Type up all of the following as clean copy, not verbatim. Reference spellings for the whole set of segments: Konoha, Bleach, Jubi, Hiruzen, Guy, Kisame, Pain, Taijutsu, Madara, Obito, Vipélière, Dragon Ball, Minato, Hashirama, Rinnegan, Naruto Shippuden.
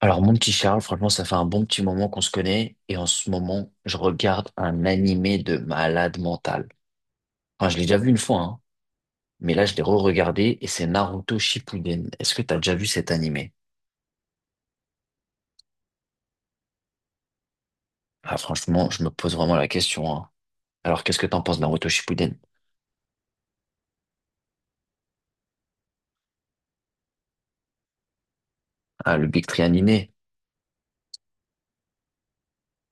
Alors, mon petit Charles, franchement, ça fait un bon petit moment qu'on se connaît. Et en ce moment, je regarde un animé de malade mental. Enfin, je l'ai déjà vu une fois, hein, mais là, je l'ai re-regardé et c'est Naruto Shippuden. Est-ce que tu as déjà vu cet animé? Ah, franchement, je me pose vraiment la question, hein. Alors, qu'est-ce que t'en penses, de Naruto Shippuden? Ah, le Big Tree animé?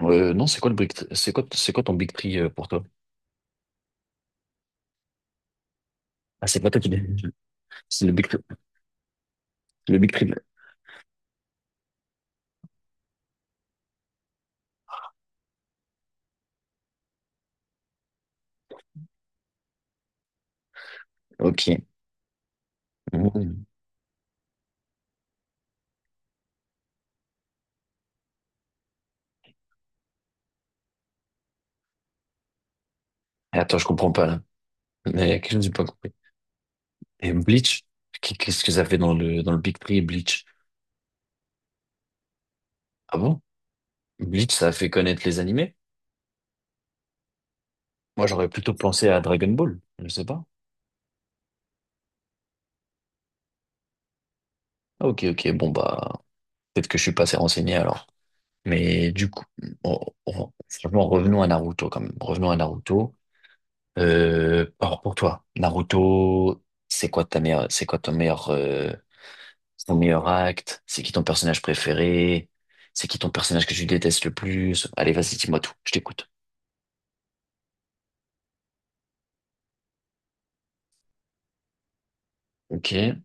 Non, c'est quoi ton Big Tree pour toi? Ah, c'est pas toi qui l'as vu. C'est le Big Three- Le Big Tree. Ok. Mmh. Attends, je comprends pas, là. Il y a quelque chose que j'ai pas compris. Et Bleach, qu'est-ce que ça fait dans dans le Big Three Bleach? Ah bon? Bleach, ça a fait connaître les animés? Moi, j'aurais plutôt pensé à Dragon Ball, je sais pas. Ah, ok, ok, bon, bah, peut-être que je suis pas assez renseigné alors. Mais du coup, on- franchement, revenons à Naruto quand même. Revenons à Naruto. Alors pour toi, Naruto, c'est quoi ton meilleur acte? C'est qui ton personnage préféré? C'est qui ton personnage que tu détestes le plus? Allez, vas-y, dis-moi tout, je t'écoute. Ok.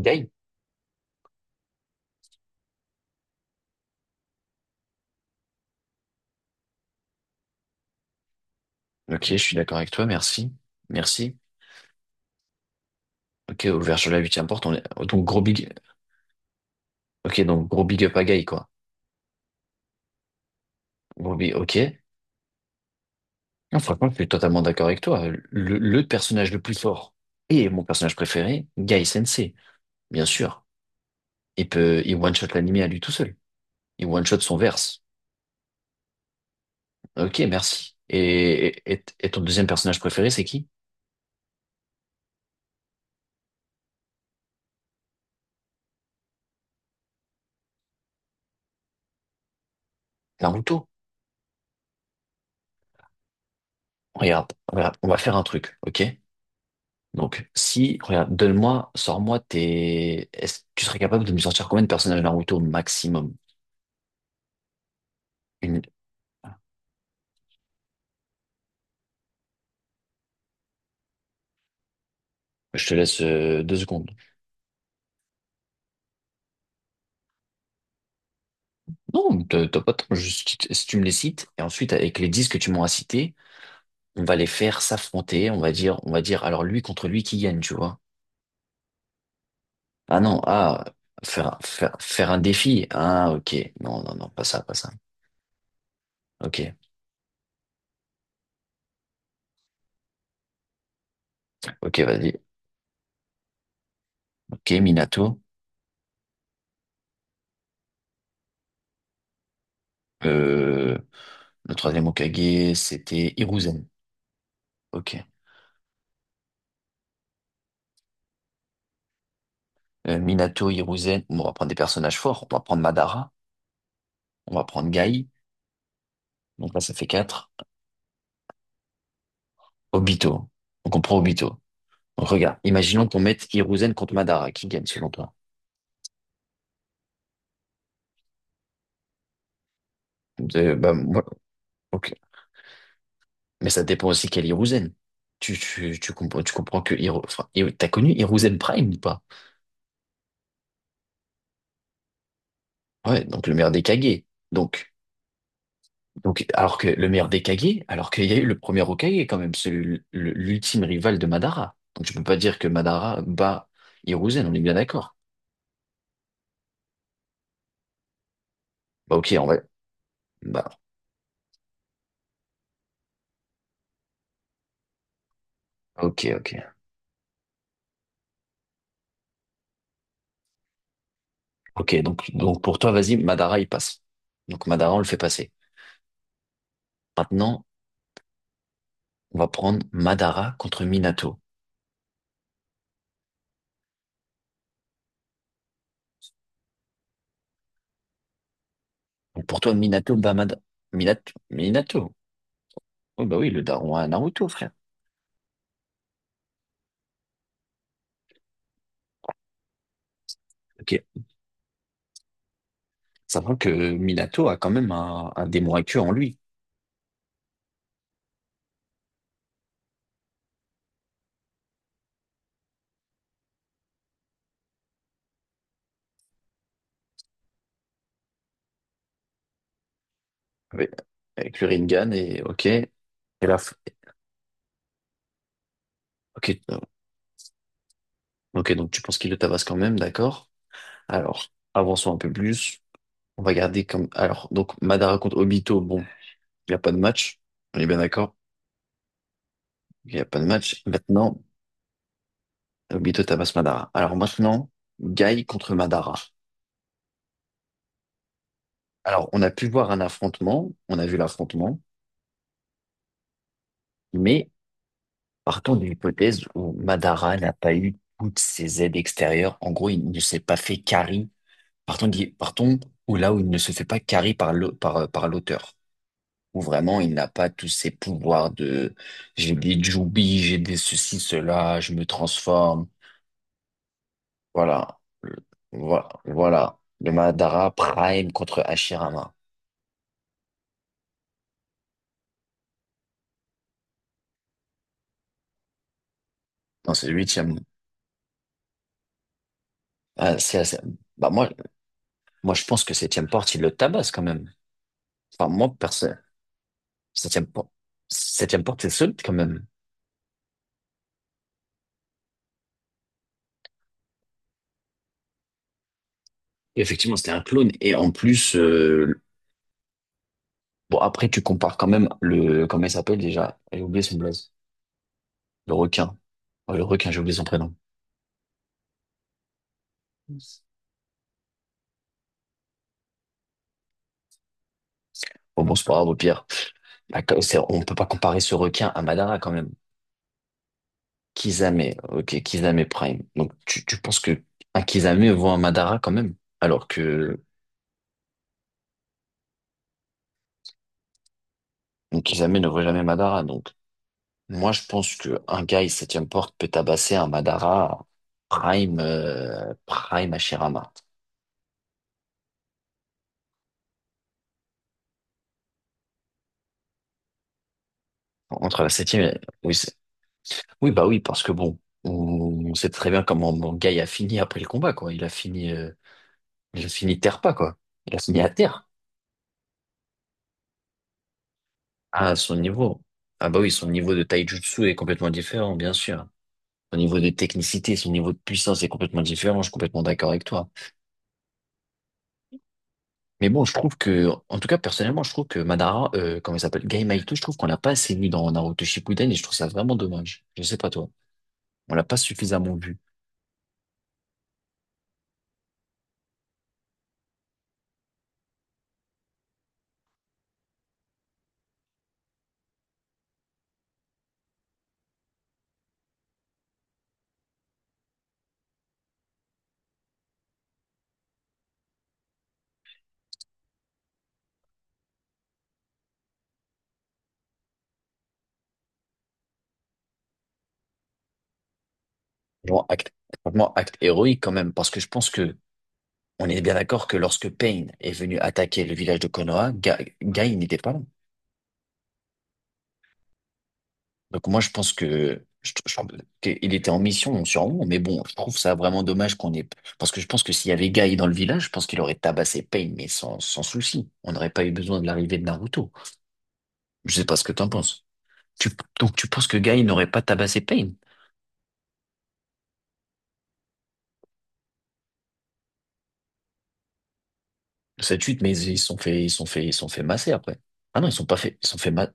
Guy? Ok, je suis d'accord avec toi, merci. Merci. Ok, ouvert sur la huitième porte, on est... oh, donc gros big... Ok, donc gros big up à Guy, quoi. Gros big... Ok. Non, franchement, je suis totalement d'accord avec toi. Le personnage le plus fort et mon personnage préféré, Guy Sensei, bien sûr. Il peut... Il one-shot l'anime à lui tout seul. Il one-shot son verse. Ok, merci. Et ton deuxième personnage préféré, c'est qui? Naruto. Regarde, voilà, on va faire un truc, ok? Donc, si, regarde, donne-moi, sors-moi tes... Est-ce que tu serais capable de me sortir combien de personnages Naruto au maximum? Une... Je te laisse deux secondes. Non, t'as pas trop. Juste, si tu me les cites, et ensuite, avec les dix que tu m'as cités, on va les faire s'affronter. On va dire, alors lui contre lui qui gagne, tu vois? Ah non, ah, faire, faire un défi. Ah, ok. Non, non, non, pas ça, pas ça. Ok, ok, vas-y. Ok, Minato. Euh, le troisième Hokage, c'était Hiruzen. Ok. Minato, Hiruzen. Bon, on va prendre des personnages forts. On va prendre Madara. On va prendre Gai. Donc là, ça fait 4. Obito. Donc on prend Obito. Donc, regarde, imaginons qu'on mette Hiruzen contre Madara. Qui gagne selon toi? Bah, moi, ok. Mais ça dépend aussi quel Hiruzen. Tu comprends, tu comprends que Hiru, enfin, t'as connu Hiruzen Prime ou pas? Ouais, donc le meilleur des Kage. Donc, donc, alors que le meilleur des Kage, alors qu'il y a eu le premier Hokage quand même, celui, l'ultime rival de Madara. Donc tu peux pas dire que Madara bat Hiruzen, on est bien d'accord. Bah, ok, en vrai. Bah, ok, ok. Ok, donc pour toi, vas-y, Madara, il passe. Donc Madara, on le fait passer. Maintenant, on va prendre Madara contre Minato. Donc pour toi, Minato bat Mad- Minato. Minato. Oh, bah oui, le daron à Naruto, frère. Ok. Sachant que Minato a quand même un démon actuel en lui. Avec, avec le Rinnegan et ok. La f- Ok, ok, donc tu penses qu'il le tabasse quand même, d'accord. Alors, avançons un peu plus. On va garder comme. Alors, donc Madara contre Obito, bon. Il n'y a pas de match. On est bien d'accord? Il n'y a pas de match. Maintenant, Obito tabasse Madara. Alors maintenant, Guy contre Madara. Alors, on a pu voir un affrontement. On a vu l'affrontement. Mais partons de l'hypothèse où Madara n'a pas eu toutes ses aides extérieures. En gros, il ne s'est pas fait carry. Partons où là où il ne se fait pas carry par par l'auteur. Où vraiment, il n'a pas tous ses pouvoirs de j'ai des Jubi, j'ai des ceci, cela, je me transforme. Voilà. Voilà. Le Madara Prime contre Hashirama. Non, c'est le huitième. Ah, c'est, assez- Bah, moi, je pense que septième porte, il le tabasse quand même. Enfin, moi, personne. Septième porte, Septième porte, c'est solide quand même. Et effectivement, c'était un clone. Et en plus, bon, après, tu compares quand même le, comment il s'appelle déjà? J'ai oublié son blaze. Le requin. Ouais, le requin, j'ai oublié son prénom. Bon, c'est pas grave, au pire. On peut pas comparer ce requin à Madara quand même. Kisame, ok, Kisame Prime. Donc tu penses que un Kisame vaut un Madara quand même, alors que un Kisame ne vaut jamais Madara. Donc moi je pense que un gars il septième porte peut tabasser un Madara Prime Prime Hashirama. Entre la septième, et- oui, oui bah oui parce que bon, on, on sait très bien comment mon gars il a fini après le combat quoi. Il a fini terre pas quoi. Il a fini à terre. Ah son niveau, ah bah oui son niveau de Taijutsu est complètement différent bien sûr. Son niveau de technicité, son niveau de puissance est complètement différent. Je suis complètement d'accord avec toi. Mais bon, je trouve que, en tout cas, personnellement, je trouve que Madara, comment il s'appelle, Gai je trouve qu'on l'a pas assez vu dans Naruto Shippuden et je trouve ça vraiment dommage. Je sais pas toi. On l'a pas suffisamment vu. Genre, acte, franchement, acte héroïque quand même, parce que je pense que on est bien d'accord que lorsque Pain est venu attaquer le village de Konoha, Gai n'était pas là. Donc moi, je pense que qu'il était en mission donc sûrement, mais bon, je trouve ça vraiment dommage qu'on ait... Parce que je pense que s'il y avait Guy dans le village, je pense qu'il aurait tabassé Pain, mais sans souci. On n'aurait pas eu besoin de l'arrivée de Naruto. Je sais pas ce que t'en penses. Tu, donc tu penses que Guy n'aurait pas tabassé Pain? Cette suite, mais ils se sont fait masser après. Ah non, ils se sont pas fait, ils se sont fait ma...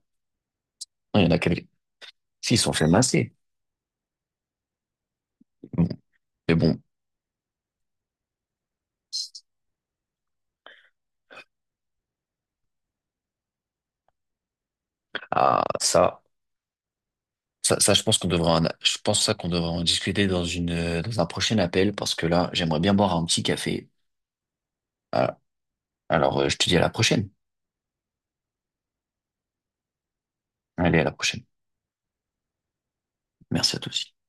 Non, il y en a quelques... Si, ils se sont fait masser. Bon, mais bon, ah, ça... Ça, je pense qu'on devrait en, je pense ça qu'on devrait en discuter dans une, dans un prochain appel parce que là, j'aimerais bien boire un petit café. Ah, alors, je te dis à la prochaine. Allez, à la prochaine. Merci à tous.